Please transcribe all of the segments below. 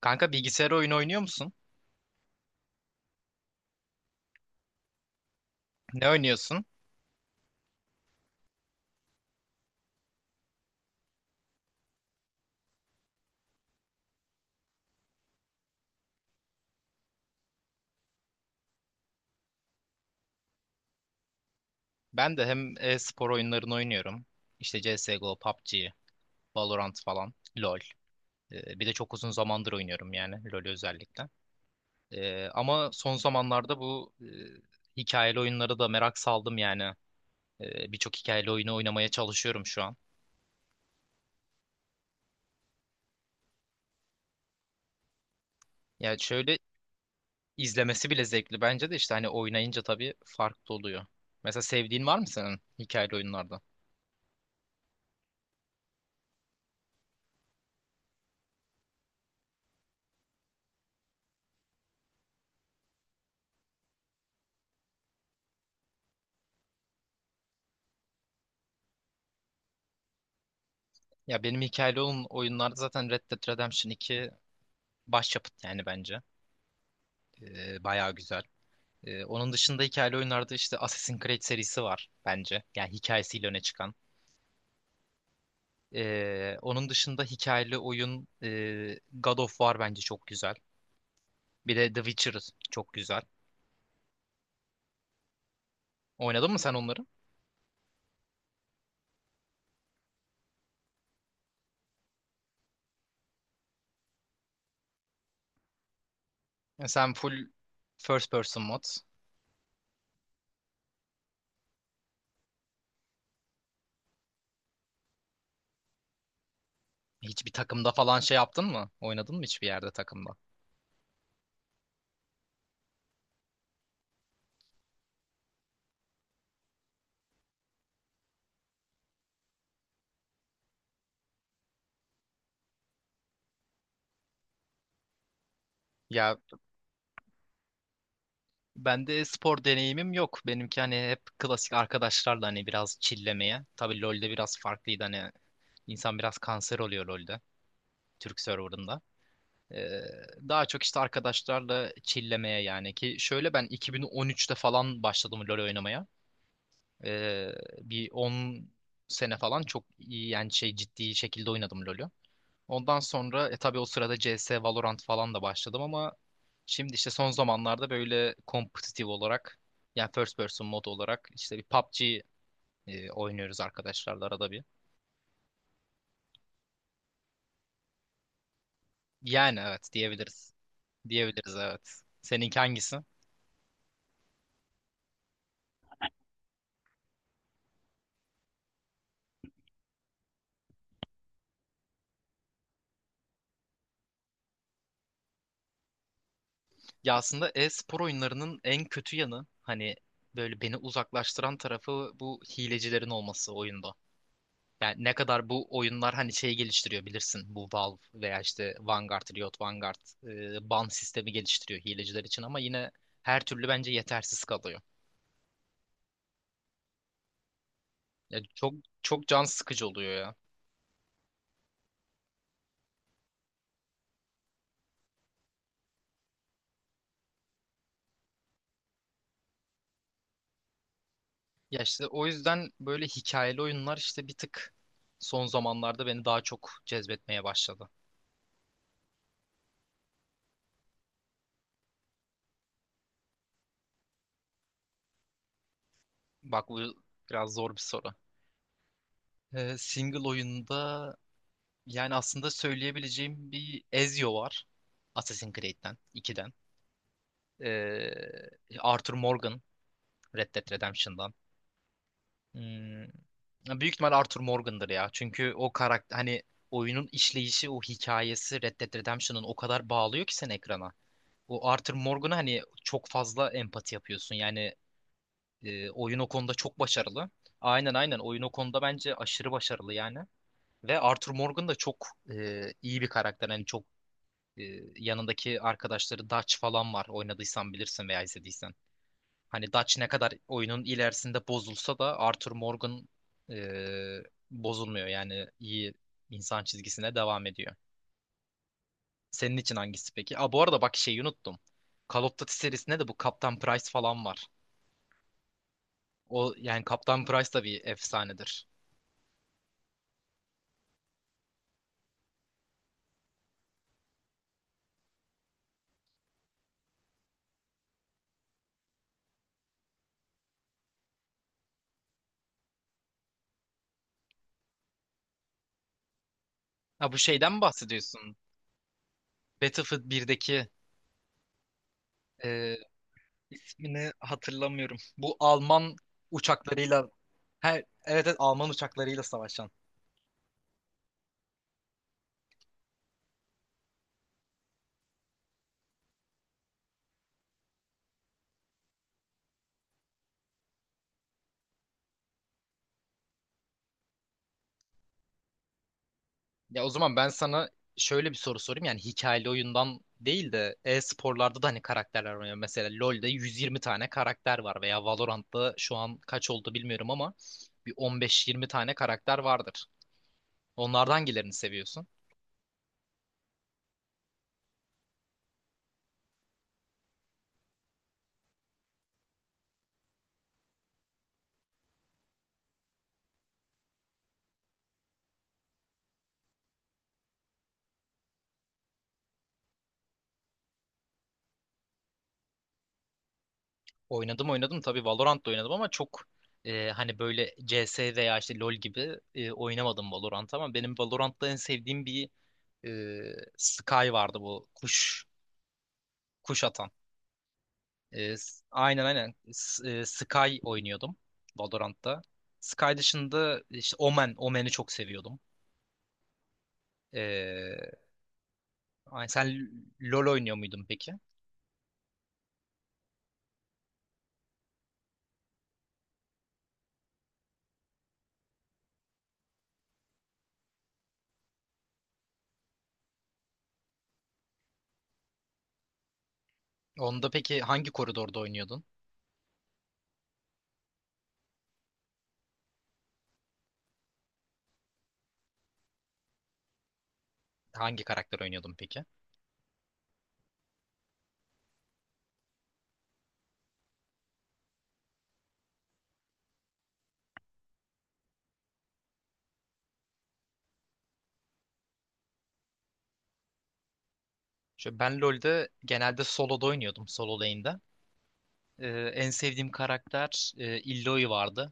Kanka bilgisayar oyunu oynuyor musun? Ne oynuyorsun? Ben de hem e-spor oyunlarını oynuyorum. İşte CSGO, PUBG, Valorant falan, LoL. Bir de çok uzun zamandır oynuyorum yani LoL'ü özellikle. Ama son zamanlarda bu hikayeli oyunlara da merak saldım yani. Birçok hikayeli oyunu oynamaya çalışıyorum şu an. Yani şöyle, izlemesi bile zevkli bence de, işte hani oynayınca tabii farklı oluyor. Mesela sevdiğin var mı senin hikayeli oyunlarda? Ya benim hikayeli oyunlarda zaten Red Dead Redemption 2 başyapıt yani bence. Bayağı güzel. Onun dışında hikayeli oyunlarda işte Assassin's Creed serisi var bence. Yani hikayesiyle öne çıkan. Onun dışında hikayeli oyun God of War bence çok güzel. Bir de The Witcher çok güzel. Oynadın mı sen onları? Ya sen full first person mod. Hiçbir takımda falan şey yaptın mı? Oynadın mı hiçbir yerde takımda? Ya bende spor deneyimim yok. Benimki hani hep klasik arkadaşlarla hani biraz çillemeye. Tabii LoL'de biraz farklıydı hani, İnsan biraz kanser oluyor LoL'de. Türk serverında. Ee, Daha çok işte arkadaşlarla çillemeye yani, ki şöyle ben 2013'te falan başladım LoL oynamaya. Ee, Bir 10 sene falan çok iyi yani ciddi şekilde oynadım LoL'ü. Ondan sonra tabii o sırada CS, Valorant falan da başladım ama şimdi işte son zamanlarda böyle kompetitif olarak yani first person mod olarak işte bir PUBG oynuyoruz arkadaşlarla arada bir. Yani evet, diyebiliriz. Diyebiliriz evet. Seninki hangisi? Ya aslında e-spor oyunlarının en kötü yanı, hani böyle beni uzaklaştıran tarafı, bu hilecilerin olması oyunda. Yani ne kadar bu oyunlar hani şey geliştiriyor, bilirsin bu Valve veya işte Vanguard, Riot Vanguard ban sistemi geliştiriyor hileciler için, ama yine her türlü bence yetersiz kalıyor. Ya çok can sıkıcı oluyor ya. Ya işte o yüzden böyle hikayeli oyunlar işte bir tık son zamanlarda beni daha çok cezbetmeye başladı. Bak bu biraz zor bir soru. Single oyunda yani aslında söyleyebileceğim bir Ezio var. Assassin's Creed'den, ikiden. Ee, Arthur Morgan, Red Dead Redemption'dan. Hmm, Büyük ihtimal Arthur Morgan'dır ya. Çünkü o karakter hani, oyunun işleyişi, o hikayesi Red Dead Redemption'ın, o kadar bağlıyor ki seni ekrana. O Arthur Morgan'a hani çok fazla empati yapıyorsun. Yani oyun o konuda çok başarılı. Aynen, aynen, oyun o konuda bence aşırı başarılı yani. Ve Arthur Morgan da çok iyi bir karakter. Hani çok e, yanındaki arkadaşları Dutch falan var. Oynadıysan bilirsin veya izlediysen. Hani Dutch ne kadar oyunun ilerisinde bozulsa da Arthur Morgan e, bozulmuyor. Yani iyi insan çizgisine devam ediyor. Senin için hangisi peki? Aa, bu arada bak şeyi unuttum. Call of Duty serisinde de bu Kaptan Price falan var. O yani Kaptan Price da bir efsanedir. Ha bu şeyden mi bahsediyorsun? Battlefield 1'deki e, ismini hatırlamıyorum. Bu Alman uçaklarıyla her evet Alman uçaklarıyla savaşan. Ya o zaman ben sana şöyle bir soru sorayım. Yani hikayeli oyundan değil de e-sporlarda da hani karakterler var. Yani mesela LoL'de 120 tane karakter var veya Valorant'ta şu an kaç oldu bilmiyorum ama bir 15-20 tane karakter vardır. Onlardan hangilerini seviyorsun? Oynadım, oynadım tabii, Valorant'ta oynadım ama çok hani böyle CS veya işte LoL gibi oynamadım Valorant ama benim Valorant'ta en sevdiğim bir e, Sky vardı, bu kuş atan. Aynen, aynen. Sky oynuyordum Valorant'ta. Sky dışında işte Omen, Omen'i çok seviyordum. E, Sen LoL oynuyor muydun peki? Onda peki hangi koridorda oynuyordun? Hangi karakter oynuyordun peki? Şöyle ben LoL'de genelde solo'da oynuyordum, solo lane'de. En sevdiğim karakter Illaoi vardı.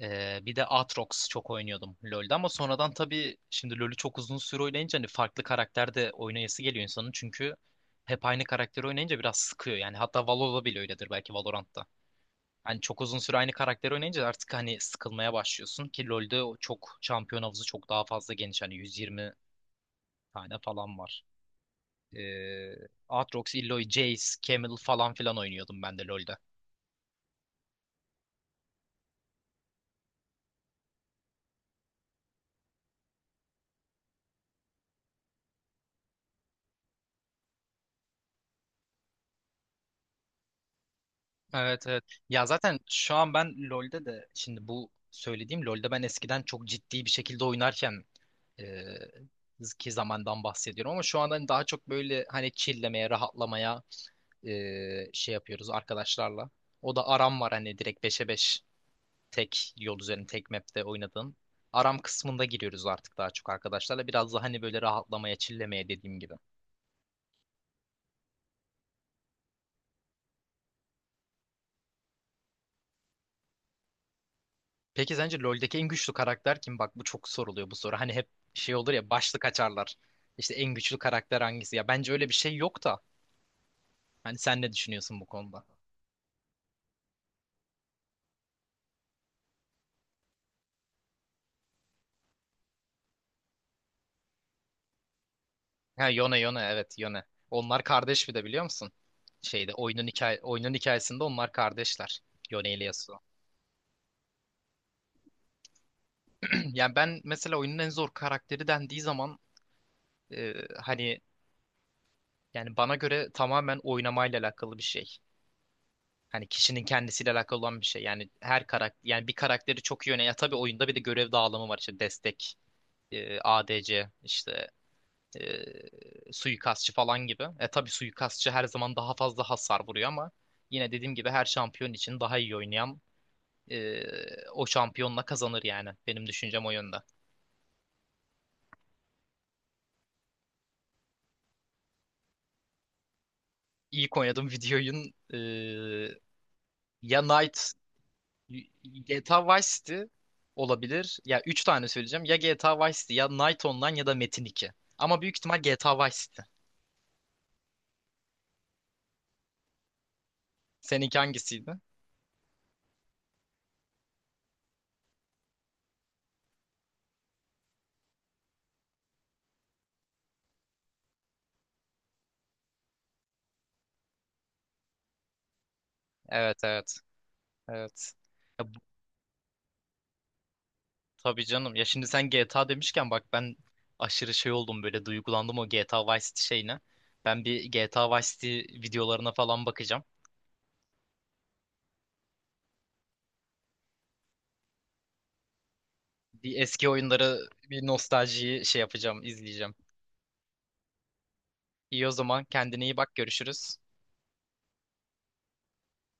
Bir de Aatrox çok oynuyordum LoL'de, ama sonradan tabii şimdi LoL'ü çok uzun süre oynayınca hani farklı karakter de oynayası geliyor insanın, çünkü hep aynı karakteri oynayınca biraz sıkıyor yani, hatta Valo'da bile öyledir belki, Valorant'ta. Hani çok uzun süre aynı karakteri oynayınca artık hani sıkılmaya başlıyorsun, ki LoL'de o çok şampiyon havuzu çok daha fazla geniş, hani 120 tane falan var. Ee, Aatrox, Illaoi, Jayce, Camel falan filan oynuyordum ben de LoL'de. Evet, evet. Ya zaten şu an ben LoL'de de, şimdi bu söylediğim LoL'de ben eskiden çok ciddi bir şekilde oynarken e, ki zamandan bahsediyorum, ama şu anda hani daha çok böyle hani chill'lemeye, rahatlamaya yapıyoruz arkadaşlarla. O da aram var, hani direkt beşe 5 tek yol üzerinde tek map'te oynadığım. Aram kısmında giriyoruz artık daha çok arkadaşlarla. Biraz da hani böyle rahatlamaya, chill'lemeye, dediğim gibi. Peki sence LoL'deki en güçlü karakter kim? Bak bu çok soruluyor bu soru. Hani hep şey olur ya, başlık açarlar. İşte en güçlü karakter hangisi? Ya bence öyle bir şey yok da. Hani sen ne düşünüyorsun bu konuda? Ha Yone, evet Yone. Onlar kardeş bir de, biliyor musun? Şeyde, oyunun hikayesinde onlar kardeşler. Yone ile Yasuo. Yani ben mesela oyunun en zor karakteri dendiği zaman e, hani yani bana göre tamamen oynamayla alakalı bir şey. Hani kişinin kendisiyle alakalı olan bir şey. Yani her karakter, yani bir karakteri çok iyi oynayan. Ya tabii oyunda bir de görev dağılımı var işte destek, ADC, işte suikastçı falan gibi. E tabii suikastçı her zaman daha fazla hasar vuruyor ama yine dediğim gibi her şampiyon için daha iyi oynayan e, o şampiyonla kazanır yani. Benim düşüncem o yönde. İlk oynadığım video oyun e, ya Knight GTA Vice City olabilir. Ya üç tane söyleyeceğim. Ya GTA Vice City, ya Night Online, ya da Metin 2. Ama büyük ihtimal GTA Vice City. Seninki hangisiydi? Evet, evet. Evet. Ya, bu- tabii canım. Ya şimdi sen GTA demişken bak, ben aşırı şey oldum, böyle duygulandım o GTA Vice City şeyine. Ben bir GTA Vice City videolarına falan bakacağım. Bir eski oyunları, bir nostaljiyi şey yapacağım, izleyeceğim. İyi o zaman, kendine iyi bak, görüşürüz.